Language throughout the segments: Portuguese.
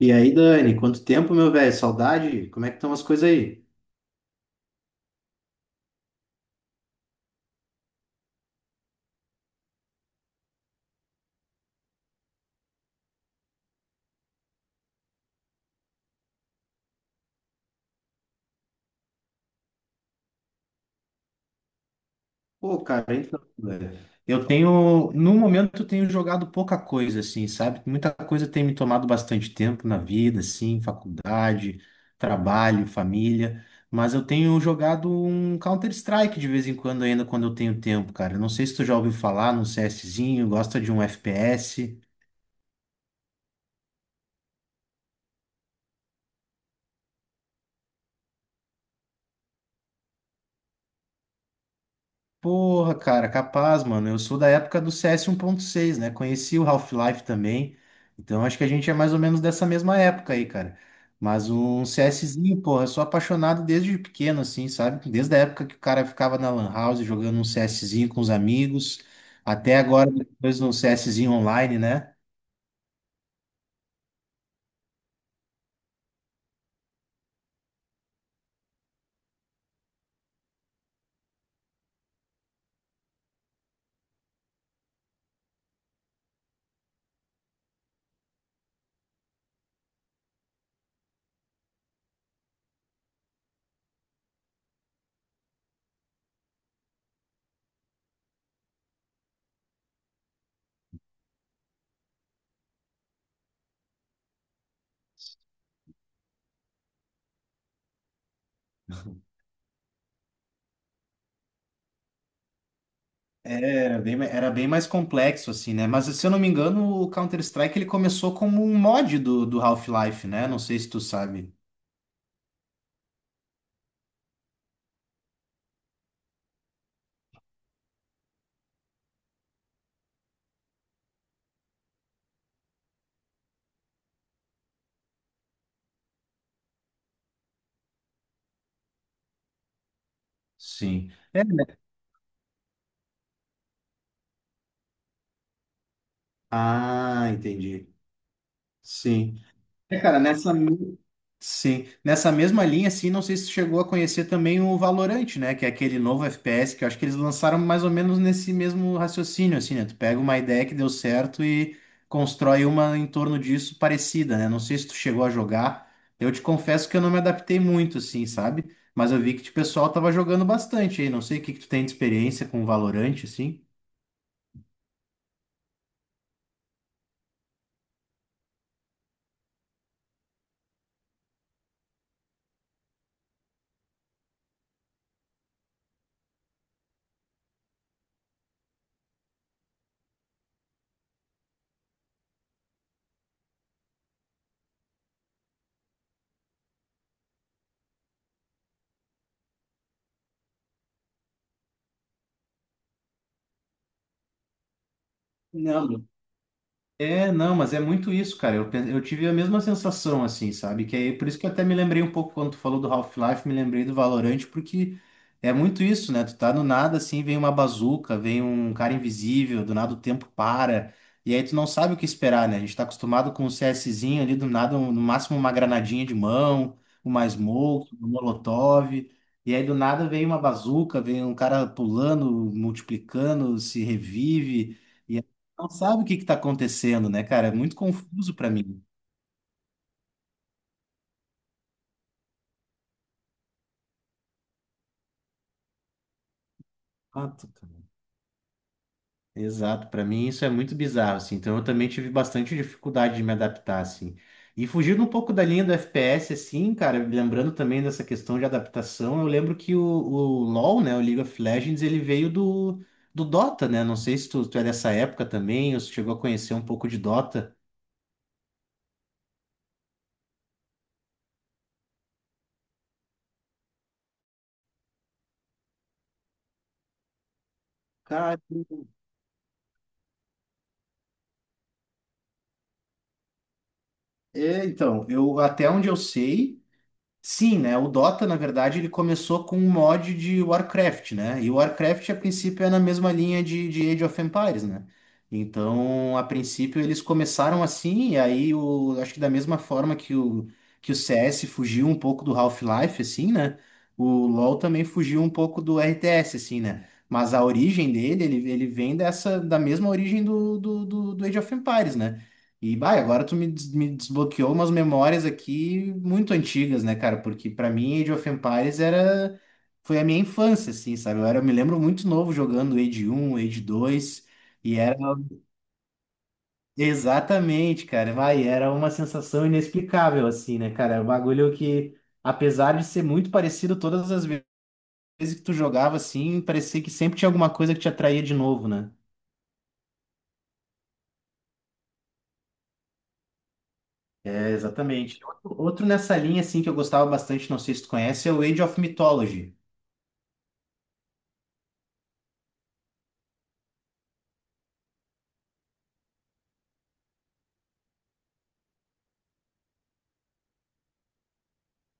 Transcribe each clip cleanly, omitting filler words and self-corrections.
E aí, Dani, quanto tempo, meu velho? Saudade? Como é que estão as coisas aí? Pô, cara, então, velho, eu tenho, no momento, eu tenho jogado pouca coisa, assim, sabe? Muita coisa tem me tomado bastante tempo na vida, assim, faculdade, trabalho, família, mas eu tenho jogado um Counter-Strike de vez em quando ainda, quando eu tenho tempo, cara. Não sei se tu já ouviu falar num CSzinho, gosta de um FPS. Porra, cara, capaz, mano. Eu sou da época do CS seis, né? Conheci o Half-Life também. Então acho que a gente é mais ou menos dessa mesma época aí, cara. Mas um CSzinho, porra, eu sou apaixonado desde pequeno, assim, sabe? Desde a época que o cara ficava na Lan House jogando um CSzinho com os amigos, até agora, depois no CSzinho online, né? Era bem, era bem mais complexo, assim, né? Mas se eu não me engano, o Counter-Strike ele começou como um mod do Half-Life, né? Não sei se tu sabe. Sim. É. Ah, entendi. Sim. É, cara, sim, nessa mesma linha, assim, não sei se tu chegou a conhecer também o Valorant, né? Que é aquele novo FPS que eu acho que eles lançaram mais ou menos nesse mesmo raciocínio, assim, né? Tu pega uma ideia que deu certo e constrói uma em torno disso parecida, né? Não sei se tu chegou a jogar. Eu te confesso que eu não me adaptei muito, assim, sabe? Mas eu vi que tipo, o pessoal tava jogando bastante aí. Não sei o que que tu tem de experiência com o Valorant, assim. Não. É, não, mas é muito isso, cara. Eu tive a mesma sensação, assim, sabe? Que aí, por isso que eu até me lembrei um pouco quando tu falou do Half-Life, me lembrei do Valorant, porque é muito isso, né? Tu tá no nada, assim, vem uma bazuca, vem um cara invisível, do nada o tempo para, e aí tu não sabe o que esperar, né? A gente tá acostumado com um CSzinho ali, do nada, no máximo uma granadinha de mão, uma smoke, um molotov, e aí do nada vem uma bazuca, vem um cara pulando, multiplicando, se revive, não sabe o que está acontecendo, né, cara? É muito confuso para mim. Exato, cara. Exato, para mim isso é muito bizarro, assim. Então eu também tive bastante dificuldade de me adaptar, assim. E fugindo um pouco da linha do FPS, assim, cara, lembrando também dessa questão de adaptação, eu lembro que o LoL, né, o League of Legends, ele veio do Dota, né? Não sei se tu é dessa época também, ou se chegou a conhecer um pouco de Dota. Cara, é, então, eu até onde eu sei. Sim, né? O Dota, na verdade, ele começou com um mod de Warcraft, né? E o Warcraft, a princípio, é na mesma linha de Age of Empires, né? Então, a princípio, eles começaram assim, e aí, o, acho que da mesma forma que que o CS fugiu um pouco do Half-Life, assim, né? O LoL também fugiu um pouco do RTS, assim, né? Mas a origem dele, ele vem dessa, da mesma origem do Age of Empires, né? E, bah, agora tu me, me desbloqueou umas memórias aqui muito antigas, né, cara? Porque pra mim Age of Empires era, foi a minha infância, assim, sabe? Eu era, eu me lembro muito novo jogando Age um, Age dois e era. Exatamente, cara. Vai, era uma sensação inexplicável, assim, né, cara? O bagulho que, apesar de ser muito parecido todas as vezes que tu jogava, assim, parecia que sempre tinha alguma coisa que te atraía de novo, né? É, exatamente. Outro nessa linha, assim, que eu gostava bastante, não sei se tu conhece, é o Age of Mythology.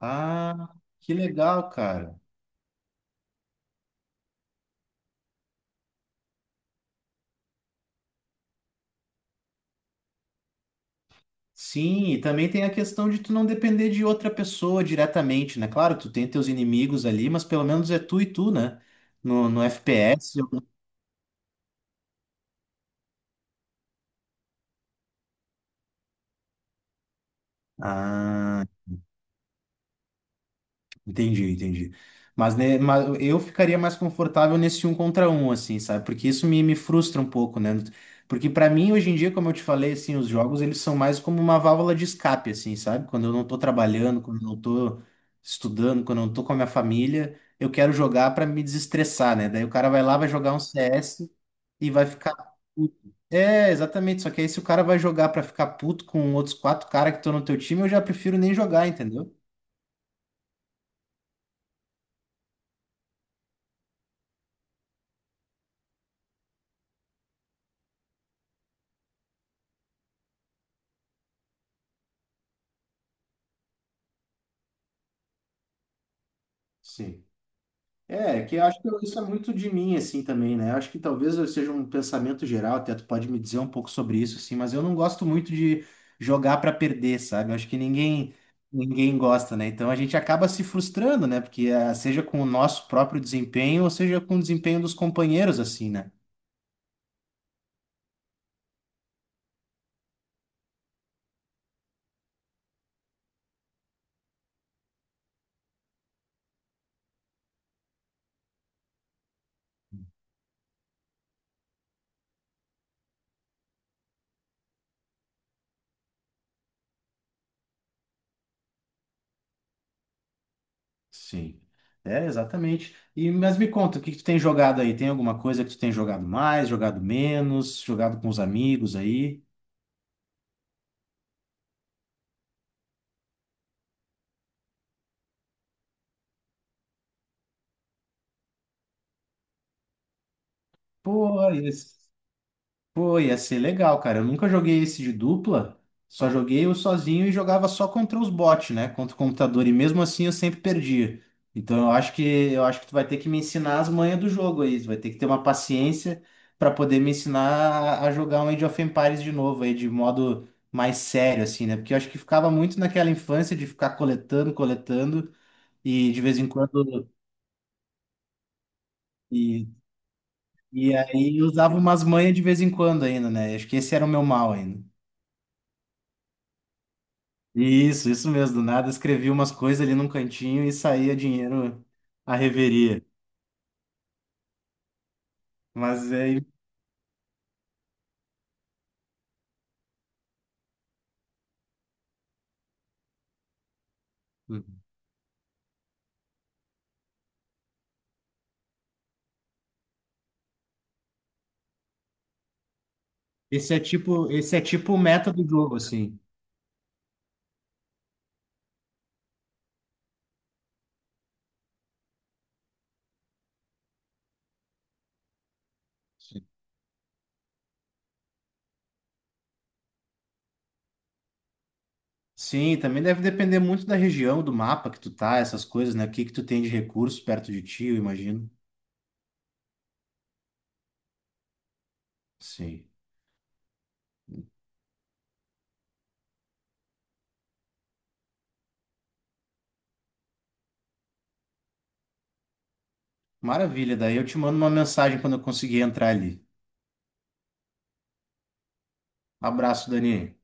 Ah, que legal, cara. Sim, e também tem a questão de tu não depender de outra pessoa diretamente, né? Claro, tu tem teus inimigos ali, mas pelo menos é tu e tu, né? No FPS eu. Ah. Entendi, entendi. Mas, né, mas eu ficaria mais confortável nesse um contra um, assim, sabe? Porque isso me, me frustra um pouco, né? Porque pra mim, hoje em dia, como eu te falei, assim, os jogos, eles são mais como uma válvula de escape, assim, sabe? Quando eu não tô trabalhando, quando eu não tô estudando, quando eu não tô com a minha família, eu quero jogar pra me desestressar, né? Daí o cara vai lá, vai jogar um CS e vai ficar puto. É, exatamente. Só que aí se o cara vai jogar pra ficar puto com outros quatro caras que estão no teu time, eu já prefiro nem jogar, entendeu? Sim. É, que eu acho que isso é muito de mim, assim, também, né? Eu acho que talvez eu seja um pensamento geral, até tu pode me dizer um pouco sobre isso, assim, mas eu não gosto muito de jogar pra perder, sabe? Eu acho que ninguém, ninguém gosta, né? Então a gente acaba se frustrando, né? Porque ah, seja com o nosso próprio desempenho ou seja com o desempenho dos companheiros, assim, né? Sim. É, exatamente. E, mas me conta, o que que tu tem jogado aí? Tem alguma coisa que tu tem jogado mais, jogado menos, jogado com os amigos aí? Pô, isso. Pô, ia ser legal, cara. Eu nunca joguei esse de dupla, só joguei eu sozinho e jogava só contra os bots, né? Contra o computador. E mesmo assim eu sempre perdia. Então eu acho que tu vai ter que me ensinar as manhas do jogo aí. Tu vai ter que ter uma paciência pra poder me ensinar a jogar um Age of Empires de novo aí, de modo mais sério, assim, né? Porque eu acho que ficava muito naquela infância de ficar coletando, coletando, e de vez em quando. E, e aí eu usava umas manhas de vez em quando ainda, né? Acho que esse era o meu mal ainda. Isso mesmo. Do nada escrevi umas coisas ali num cantinho e saía dinheiro à reveria. Mas é, esse é tipo o meta do jogo, assim. Sim, também deve depender muito da região, do mapa que tu tá, essas coisas, né? O que que tu tem de recursos perto de ti, eu imagino. Sim. Maravilha, daí eu te mando uma mensagem quando eu conseguir entrar ali. Abraço, Dani.